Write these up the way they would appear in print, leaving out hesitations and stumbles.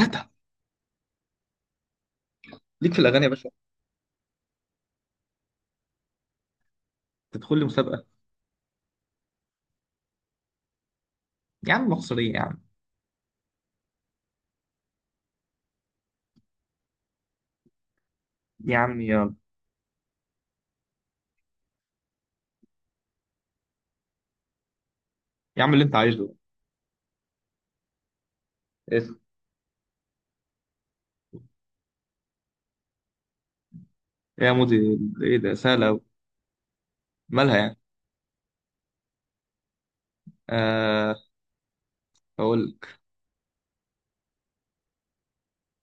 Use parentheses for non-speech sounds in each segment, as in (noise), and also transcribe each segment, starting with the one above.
هاتها ليك في الاغاني يا باشا. تدخل لي مسابقه. يا عم مصريه يا عم. يا عم يا. يا عم اللي انت عايزه. ايه إيه. يا مودي، ايه ده سهله أوي. مالها يعني؟ آه، اقول لك.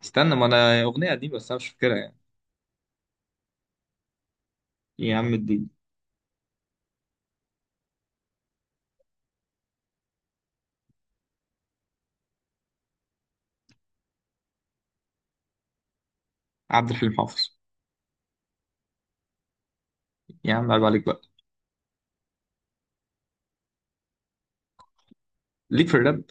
استنى، ما انا اغنيه قديمه بس انا مش فاكرها يعني. يا عم الدين، عبد الحليم حافظ. يا عم عيب عليك بقى. ليك في الراب؟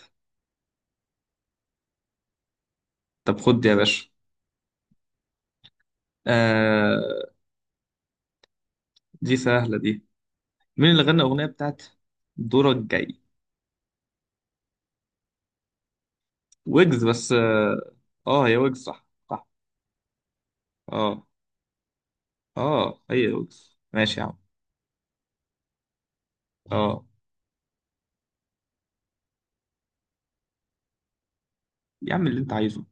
طب خد دي يا باشا. آه، دي سهله دي. مين اللي غنى الاغنيه بتاعت؟ دورك جاي. ويجز بس هي ويجز، صح صح. اه اه، هي ويجز ماشي يا عم. اه، يا عم اللي انت عايزه.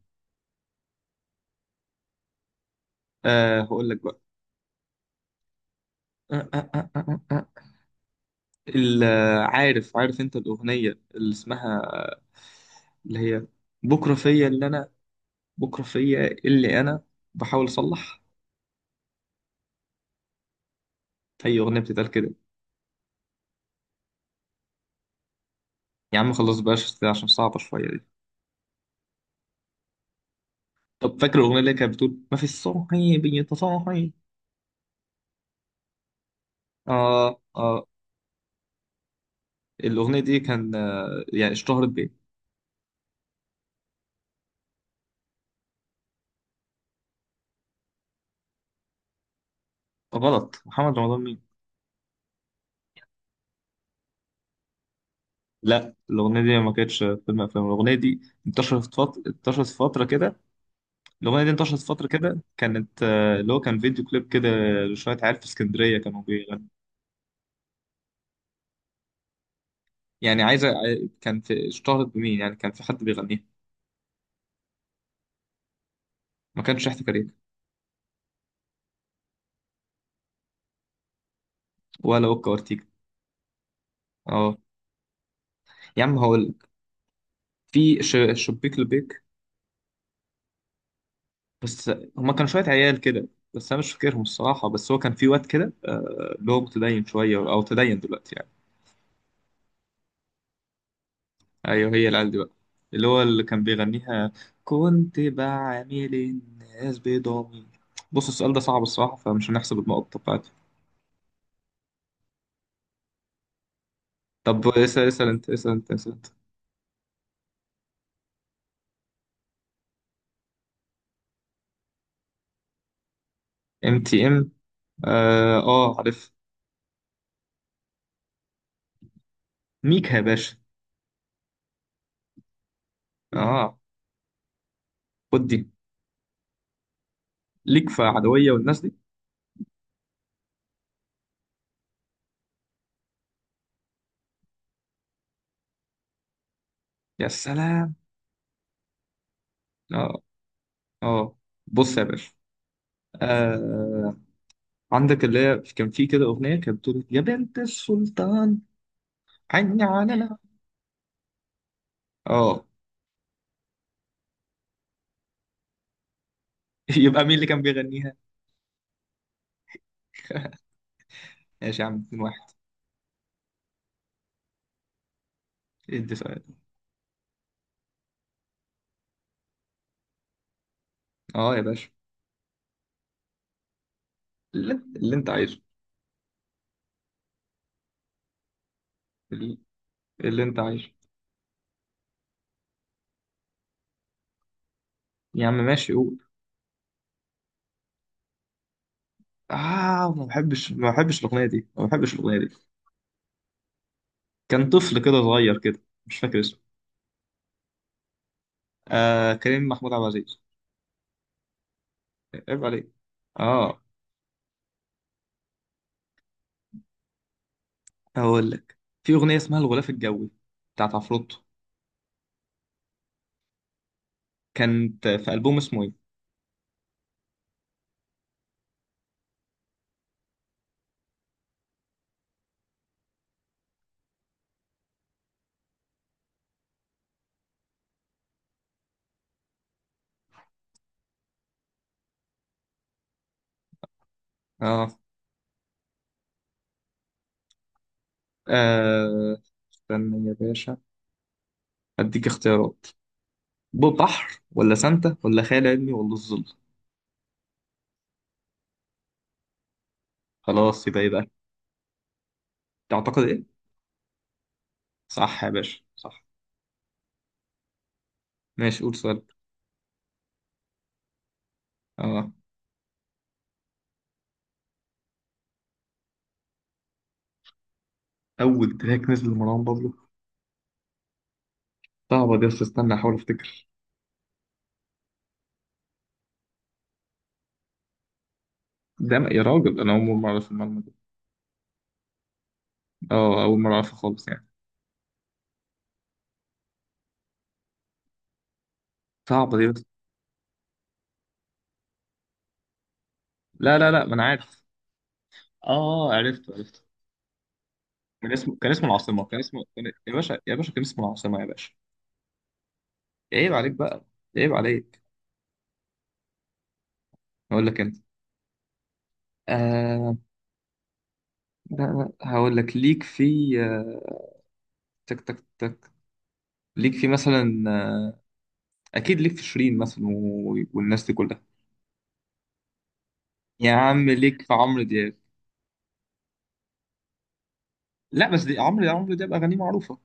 هقول لك بقى. آه آه آه آه آه. آه. ال- عارف، عارف انت، الأغنية اللي اسمها، اللي هي بكرة فيا اللي أنا بكرة فيا اللي أنا بحاول أصلح. هي أغنية بتتقال كده. يا عم خلاص بقاش عشان صعبة شوية دي. طب فاكر الأغنية اللي كانت بتقول ما في الصاحي بيتصاحي؟ آه آه الأغنية دي كان يعني اشتهرت بإيه؟ غلط، محمد رمضان مين؟ لا، الأغنية دي ما كانتش فيلم أفلام. الأغنية دي انتشرت فترة، انتشرت فترة كده، كانت اللي هو كان فيديو كليب كده لشوية عيال في اسكندرية كانوا بيغنوا. يعني كان في، اشتهرت بمين يعني؟ كان في حد بيغنيها؟ ما كانش شحت كارير، ولا وكا وارتيجا. اه يا عم هقول لك، في شبيك لبيك بس. هما كانوا شوية عيال كده، بس أنا مش فاكرهم الصراحة. بس هو كان في واد كده اللي هو متدين شوية أو تدين دلوقتي يعني. ايوه، هي العيال دي بقى اللي هو كان بيغنيها. كنت بعامل الناس بضمير. بص السؤال ده صعب الصراحه، فمش هنحسب النقط بتاعته. طب اسال، اسال انت. ام تي ام. اه عارف. ميكا يا باشا. اه، خد دي. ليك في عدويه والناس دي؟ يا سلام. اه اه، بص يا باشا. آه، عندك اللي هي كان في كده اغنيه كانت بتقول يا بنت السلطان، عيني على. اه. (laughs) يبقى مين اللي كان بيغنيها؟ ماشي يا عم 2. ادي سؤال. اه يا باشا، اللي انت عايزه. اللي, اللي انت عايزه. يا عم ماشي قول. اه، ما بحبش، ما بحبش الاغنيه دي. كان طفل كده صغير كده مش فاكر اسمه. آه، كريم محمود عبد العزيز. عيب عليك. اه، هقول لك. في اغنيه اسمها الغلاف الجوي بتاعت عفروتو. كانت في البوم اسمه ايه؟ اه, آه. استنى يا باشا، اديك اختيارات. بحر ولا سانتا ولا خيال علمي ولا الظل؟ خلاص، يبقى تعتقد ايه؟ صح يا باشا، صح. ماشي، قول سؤال. اه، اول تراك نزل لمروان بابلو. صعبة دي، بس استنى احاول افتكر. يا راجل، انا اول مرة اعرف المعلومة دي. اه، اول مرة اعرفها خالص يعني. صعبة دي بس. لا لا لا، ما انا عارف. اه، عرفت عرفت. كان اسمه كان اسمه العاصمة كان اسمه كان... يا باشا يا باشا، كان اسمه العاصمة يا باشا. عيب عليك بقى. عيب عليك. اقول لك انت. آه لا لا هقول لك. ليك في آه، تك تك تك ليك في مثلا اكيد ليك في شيرين مثلا والناس دي كلها. يا عم ليك في عمرو دياب. لا بس دي عمرو، يا عمرو ده بأغانيه معروفة.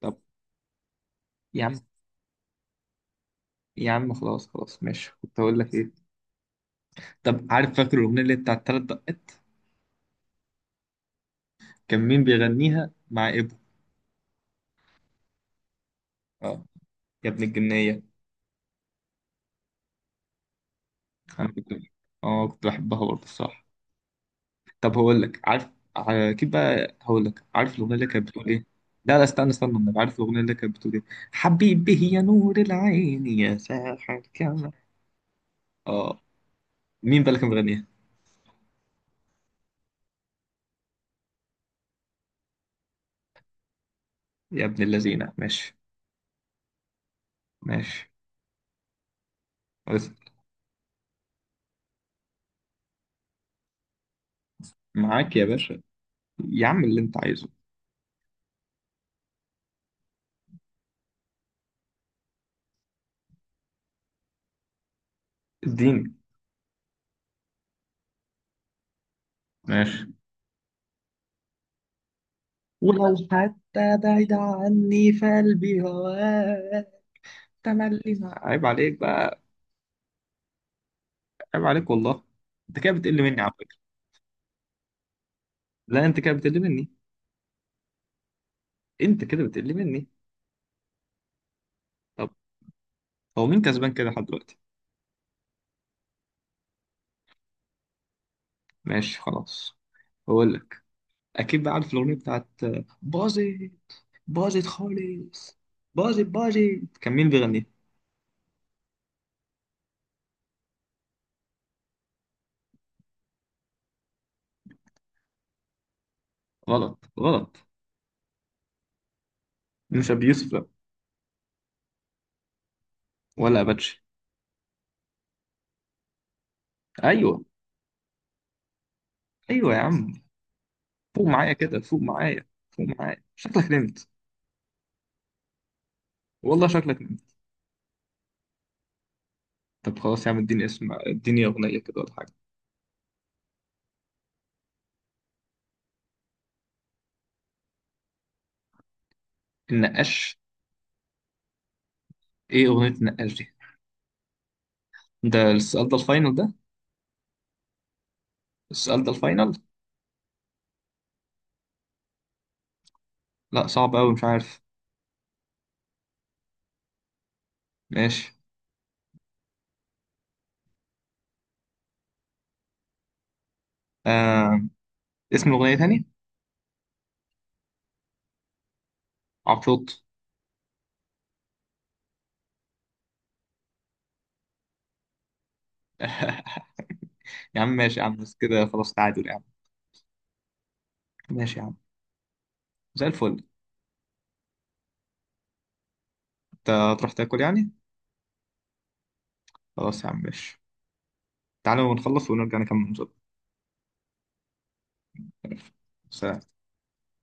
طب، يا عم يا عم خلاص ماشي. كنت هقول لك ايه؟ طب، عارف، فاكر الأغنية اللي بتاعت تلات دقات؟ كان مين بيغنيها مع إبو؟ اه، يا ابن الجنية. أنا كنت، اه كنت بحبها برضه الصراحة. طب هقول لك، عارف، ع- كده بقى هقول لك، عارف الأغنية اللي كانت بتقول ايه؟ لا لا، استنى أنا عارف الأغنية اللي كانت بتقول ايه. حبيبي يا نور العين يا ساحر كمان اه. مين بقى اللي كان بيغنيها؟ يا ابن اللذينة، ماشي. ماشي، معاك يا باشا. يا عم اللي انت عايزه. اديني. ماشي. ولو حتى بعيد عني فقلبي هواك. تملي، عيب عليك بقى. عيب عليك والله. انت كده بتقل مني على فكرة. لا انت كده بتقل مني. انت كده بتقل مني. طب هو مين كسبان كده لحد دلوقتي؟ ماشي خلاص. بقول لك، اكيد بقى عارف الاغنية بتاعت باظت، باظت خالص، باظت كان مين بيغني؟ غلط غلط، مش ابي يوسف لا، ولا اباتشي. ايوه. ايوه يا عم. فوق معايا كده، فوق معايا شكلك نمت. والله شكلك نمت. طب خلاص يا عم، اديني اسم، اديني اغنيه كده ولا حاجه. النقاش؟ ايه اغنيه النقاش دي؟ ده السؤال ده الفاينل ده؟ السؤال ده الفاينل؟ لا صعب قوي، مش عارف. ماشي. آه... اسم الاغنيه تاني؟ عفروت. (laughs) يا عم ماشي، يا عم بس كده خلاص تعادل يا عم. ماشي يا عم، زي الفل. انت هتروح تاكل يعني؟ خلاص يا عم، ماشي. تعالوا نخلص ونرجع نكمل المسابقه. سلام.